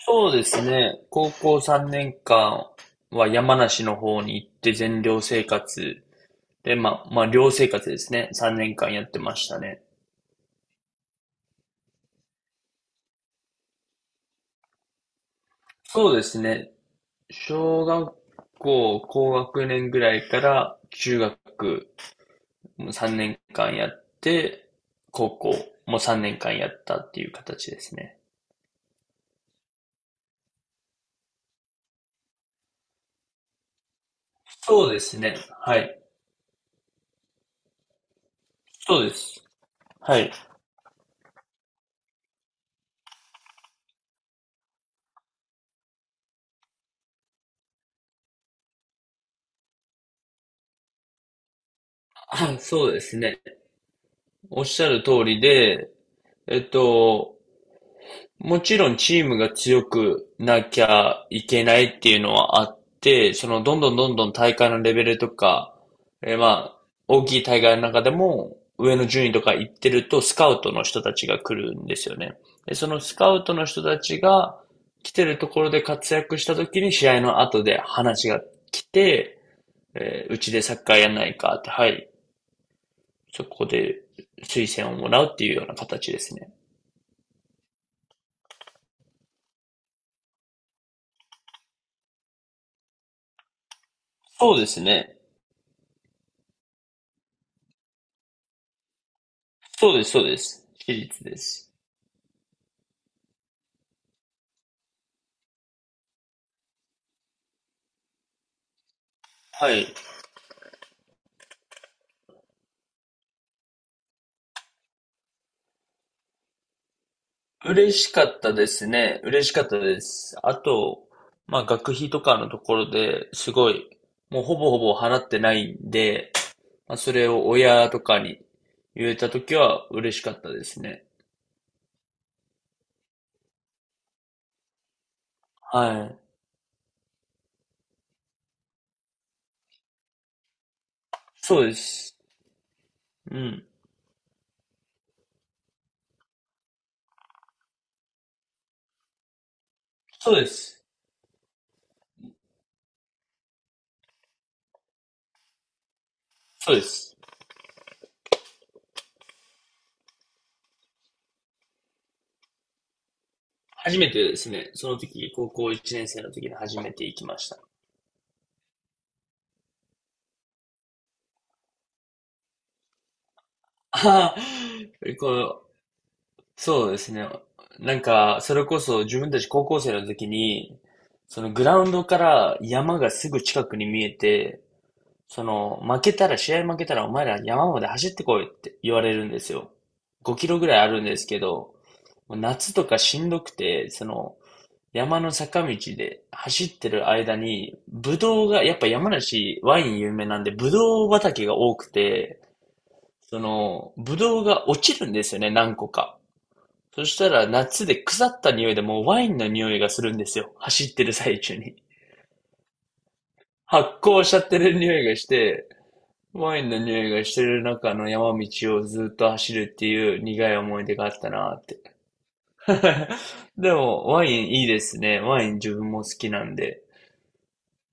そうですね。高校3年間は山梨の方に行って全寮生活で、まあ寮生活ですね。3年間やってましたね。そうですね。小学校高学年ぐらいから中学3年間やって、高校も3年間やったっていう形ですね。そうですね。はい。そうです。はい。あ、そうですね。おっしゃる通りで、えっと、もちろんチームが強くなきゃいけないっていうのはあって、そのどんどんどんどん大会のレベルとか、まあ、大きい大会の中でも上の順位とか行ってるとスカウトの人たちが来るんですよね。で、そのスカウトの人たちが来てるところで活躍した時に試合の後で話が来て、えーうちでサッカーやんないかって、はい、そこで推薦をもらうっていうような形ですね。そうですね。そうです、そうです。私立です。はい。嬉しかったですね。嬉しかったです。あと、まあ学費とかのところですごい、もうほぼほぼ払ってないんで、まあそれを親とかに言えたときは嬉しかったですね。はい。そうです。うん。そうです。そうです。初めてですね。その時、高校1年生の時に初めて行きました。ああ、こうそうですね。なんか、それこそ自分たち高校生の時に、そのグラウンドから山がすぐ近くに見えて、その負けたら、試合負けたらお前ら山まで走ってこいって言われるんですよ。5キロぐらいあるんですけど、もう夏とかしんどくて、その山の坂道で走ってる間に、ブドウが、やっぱ山梨ワイン有名なんで、ブドウ畑が多くて、その、ブドウが落ちるんですよね、何個か。そしたら夏で腐った匂いでもうワインの匂いがするんですよ。走ってる最中に。発酵しちゃってる匂いがして、ワインの匂いがしてる中の山道をずっと走るっていう苦い思い出があったなーって。でも、ワインいいですね。ワイン自分も好きなんで。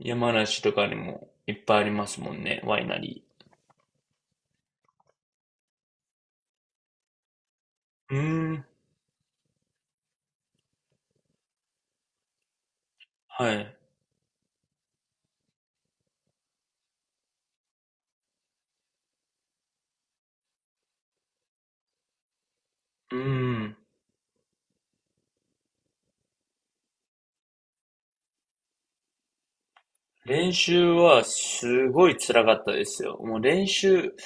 山梨とかにもいっぱいありますもんね、ワイナリー。うーん、はい。うーん。練習はすごい辛かったですよ。もう練習、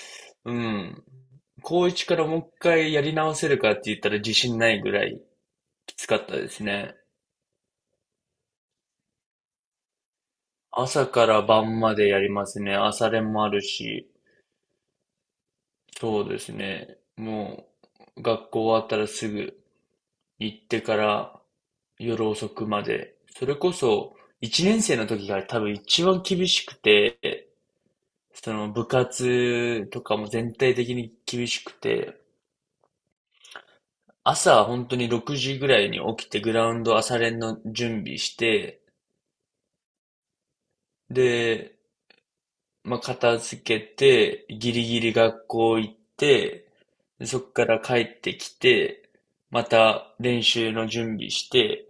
うん。高一からもう一回やり直せるかって言ったら自信ないぐらいきつかったですね。朝から晩までやりますね。朝練もあるし。そうですね。もう、学校終わったらすぐ行ってから夜遅くまで。それこそ、一年生の時が多分一番厳しくて、その部活とかも全体的に厳しくて、朝は本当に6時ぐらいに起きて、グラウンド朝練の準備して、で、まあ、片付けて、ギリギリ学校行って、でそっから帰ってきて、また練習の準備して、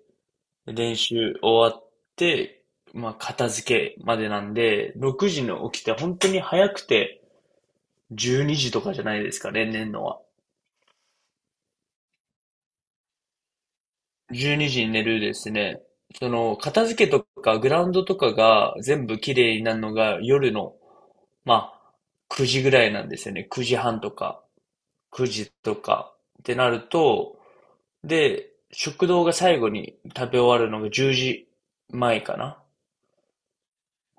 練習終わって、まあ、片付けまでなんで、6時に起きて本当に早くて12時とかじゃないですかね、例年のは。12時にじに寝るですね。その、片付けとか、グラウンドとかが全部綺麗になるのが夜の、まあ、9時ぐらいなんですよね。9時半とか、9時とかってなると、で、食堂が最後に食べ終わるのが10時前かな。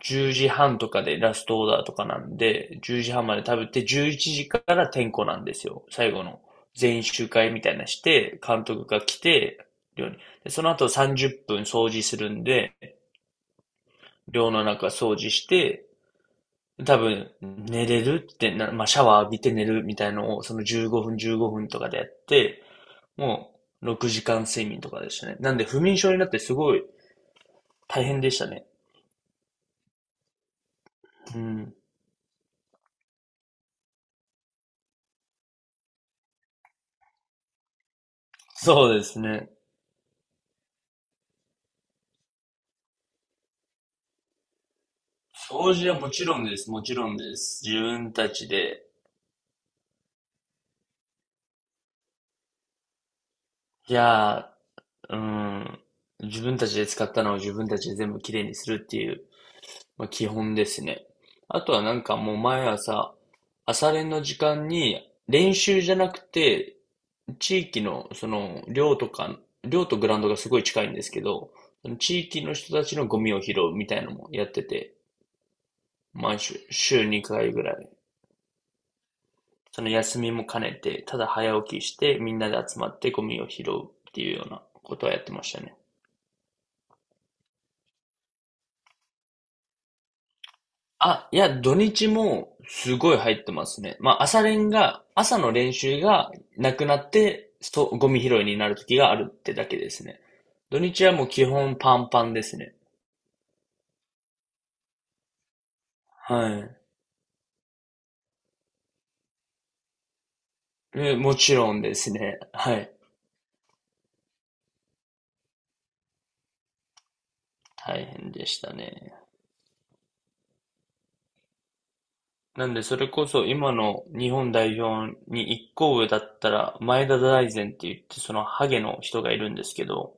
10時半とかでラストオーダーとかなんで、10時半まで食べて、11時から点呼なんですよ。最後の全員集会みたいなして、監督が来て、寮に。でその後30分掃除するんで、寮の中掃除して、多分寝れるってな、まあ、シャワー浴びて寝るみたいのを、その15分15分とかでやって、もう6時間睡眠とかでしたね。なんで不眠症になってすごい大変でしたね。うん。そうですね。掃除はもちろんです。もちろんです。自分たちで。いやー、うん。自分たちで使ったのを自分たちで全部きれいにするっていう、まあ、基本ですね。あとはなんかもう毎朝、朝練の時間に練習じゃなくて、地域のその寮とか、寮とグラウンドがすごい近いんですけど、その地域の人たちのゴミを拾うみたいなのもやってて、毎週、週2回ぐらいその休みも兼ねて、ただ早起きして、みんなで集まってゴミを拾うっていうようなことはやってましたね。あ、いや、土日もすごい入ってますね。まあ、朝練が、朝の練習がなくなって、そう、ゴミ拾いになる時があるってだけですね。土日はもう基本パンパンですね。はい。もちろんですね。はい。大変でしたね。なんで、それこそ今の日本代表に一個上だったら、前田大然って言って、そのハゲの人がいるんですけど、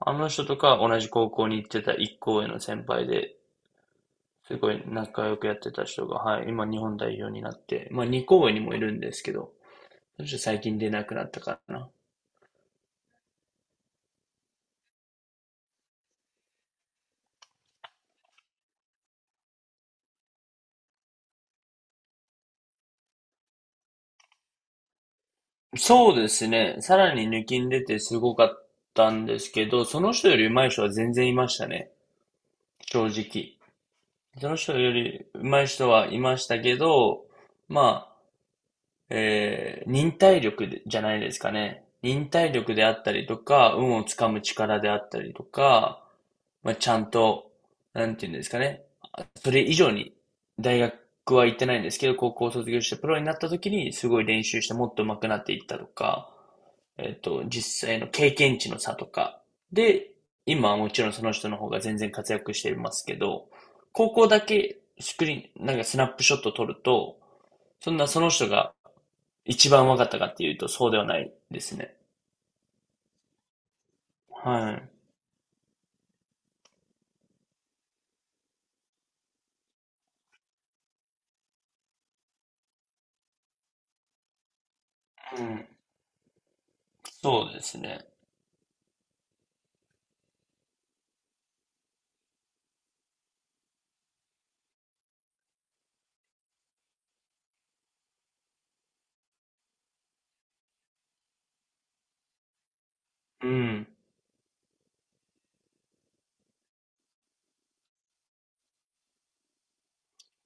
あの人とか同じ高校に行ってた一個上の先輩で、すごい仲良くやってた人が、はい、今日本代表になって、まあ二個上にもいるんですけど、そして最近出なくなったかな。そうですね、さらに抜きん出てすごかったんですけど、その人より上手い人は全然いましたね、正直。その人より上手い人はいましたけど、まあ、忍耐力でじゃないですかね。忍耐力であったりとか、運をつかむ力であったりとか、まあ、ちゃんと、なんていうんですかね。それ以上に大学は行ってないんですけど、高校を卒業してプロになった時にすごい練習してもっと上手くなっていったとか、実際の経験値の差とか。で、今はもちろんその人の方が全然活躍していますけど、高校だけスクリーン、なんかスナップショット撮ると、そんなその人が一番分かったかっていうとそうではないですね。はい。うん。そうですね。うん。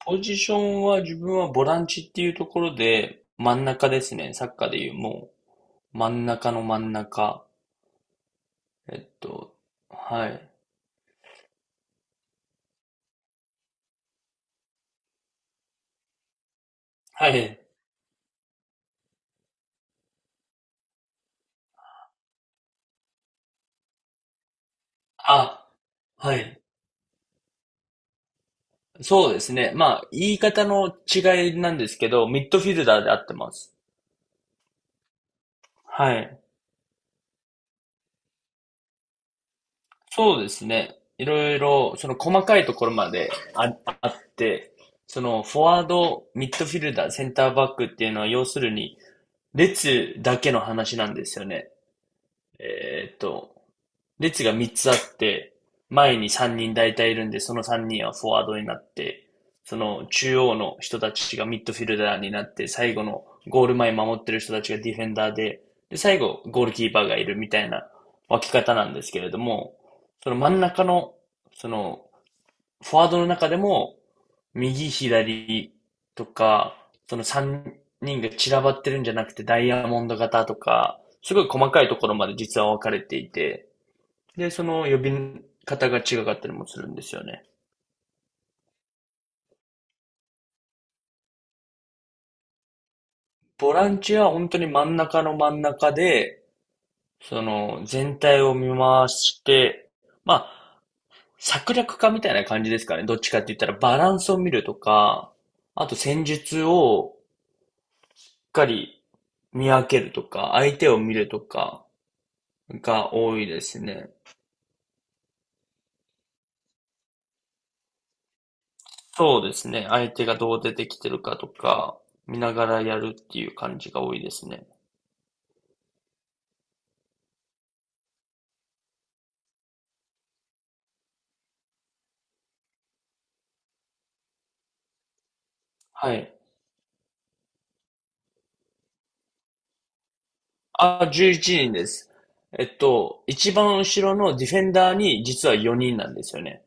ポジションは自分はボランチっていうところで、真ん中ですね。サッカーでいう、もう、真ん中の真ん中。えっと、はい。はい。あ、はい。そうですね。まあ、言い方の違いなんですけど、ミッドフィルダーで合ってます。はい。そうですね。いろいろ、その細かいところまであって、そのフォワード、ミッドフィルダー、センターバックっていうのは要するに、列だけの話なんですよね。えーっと、列が3つあって、前に3人大体いるんで、その3人はフォワードになって、その中央の人たちがミッドフィルダーになって、最後のゴール前守ってる人たちがディフェンダーで、で、最後ゴールキーパーがいるみたいな分け方なんですけれども、その真ん中の、そのフォワードの中でも、右、左とか、その3人が散らばってるんじゃなくて、ダイヤモンド型とか、すごい細かいところまで実は分かれていて、で、その呼び方が違かったりもするんですよね。ボランチは本当に真ん中の真ん中で、その全体を見回して、まあ、策略家みたいな感じですかね。どっちかって言ったらバランスを見るとか、あと戦術をかり見分けるとか、相手を見るとかが多いですね。そうですね。相手がどう出てきてるかとか、見ながらやるっていう感じが多いですね。はい。あ、11人です。えっと、一番後ろのディフェンダーに実は4人なんですよね。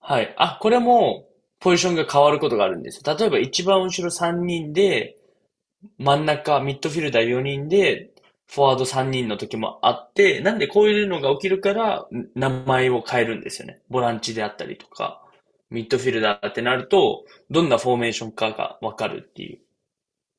はい。あ、これもポジションが変わることがあるんです。例えば一番後ろ3人で、真ん中、ミッドフィルダー4人で、フォワード3人の時もあって、なんでこういうのが起きるから、名前を変えるんですよね。ボランチであったりとか、ミッドフィルダーってなると、どんなフォーメーションかがわかるっていう。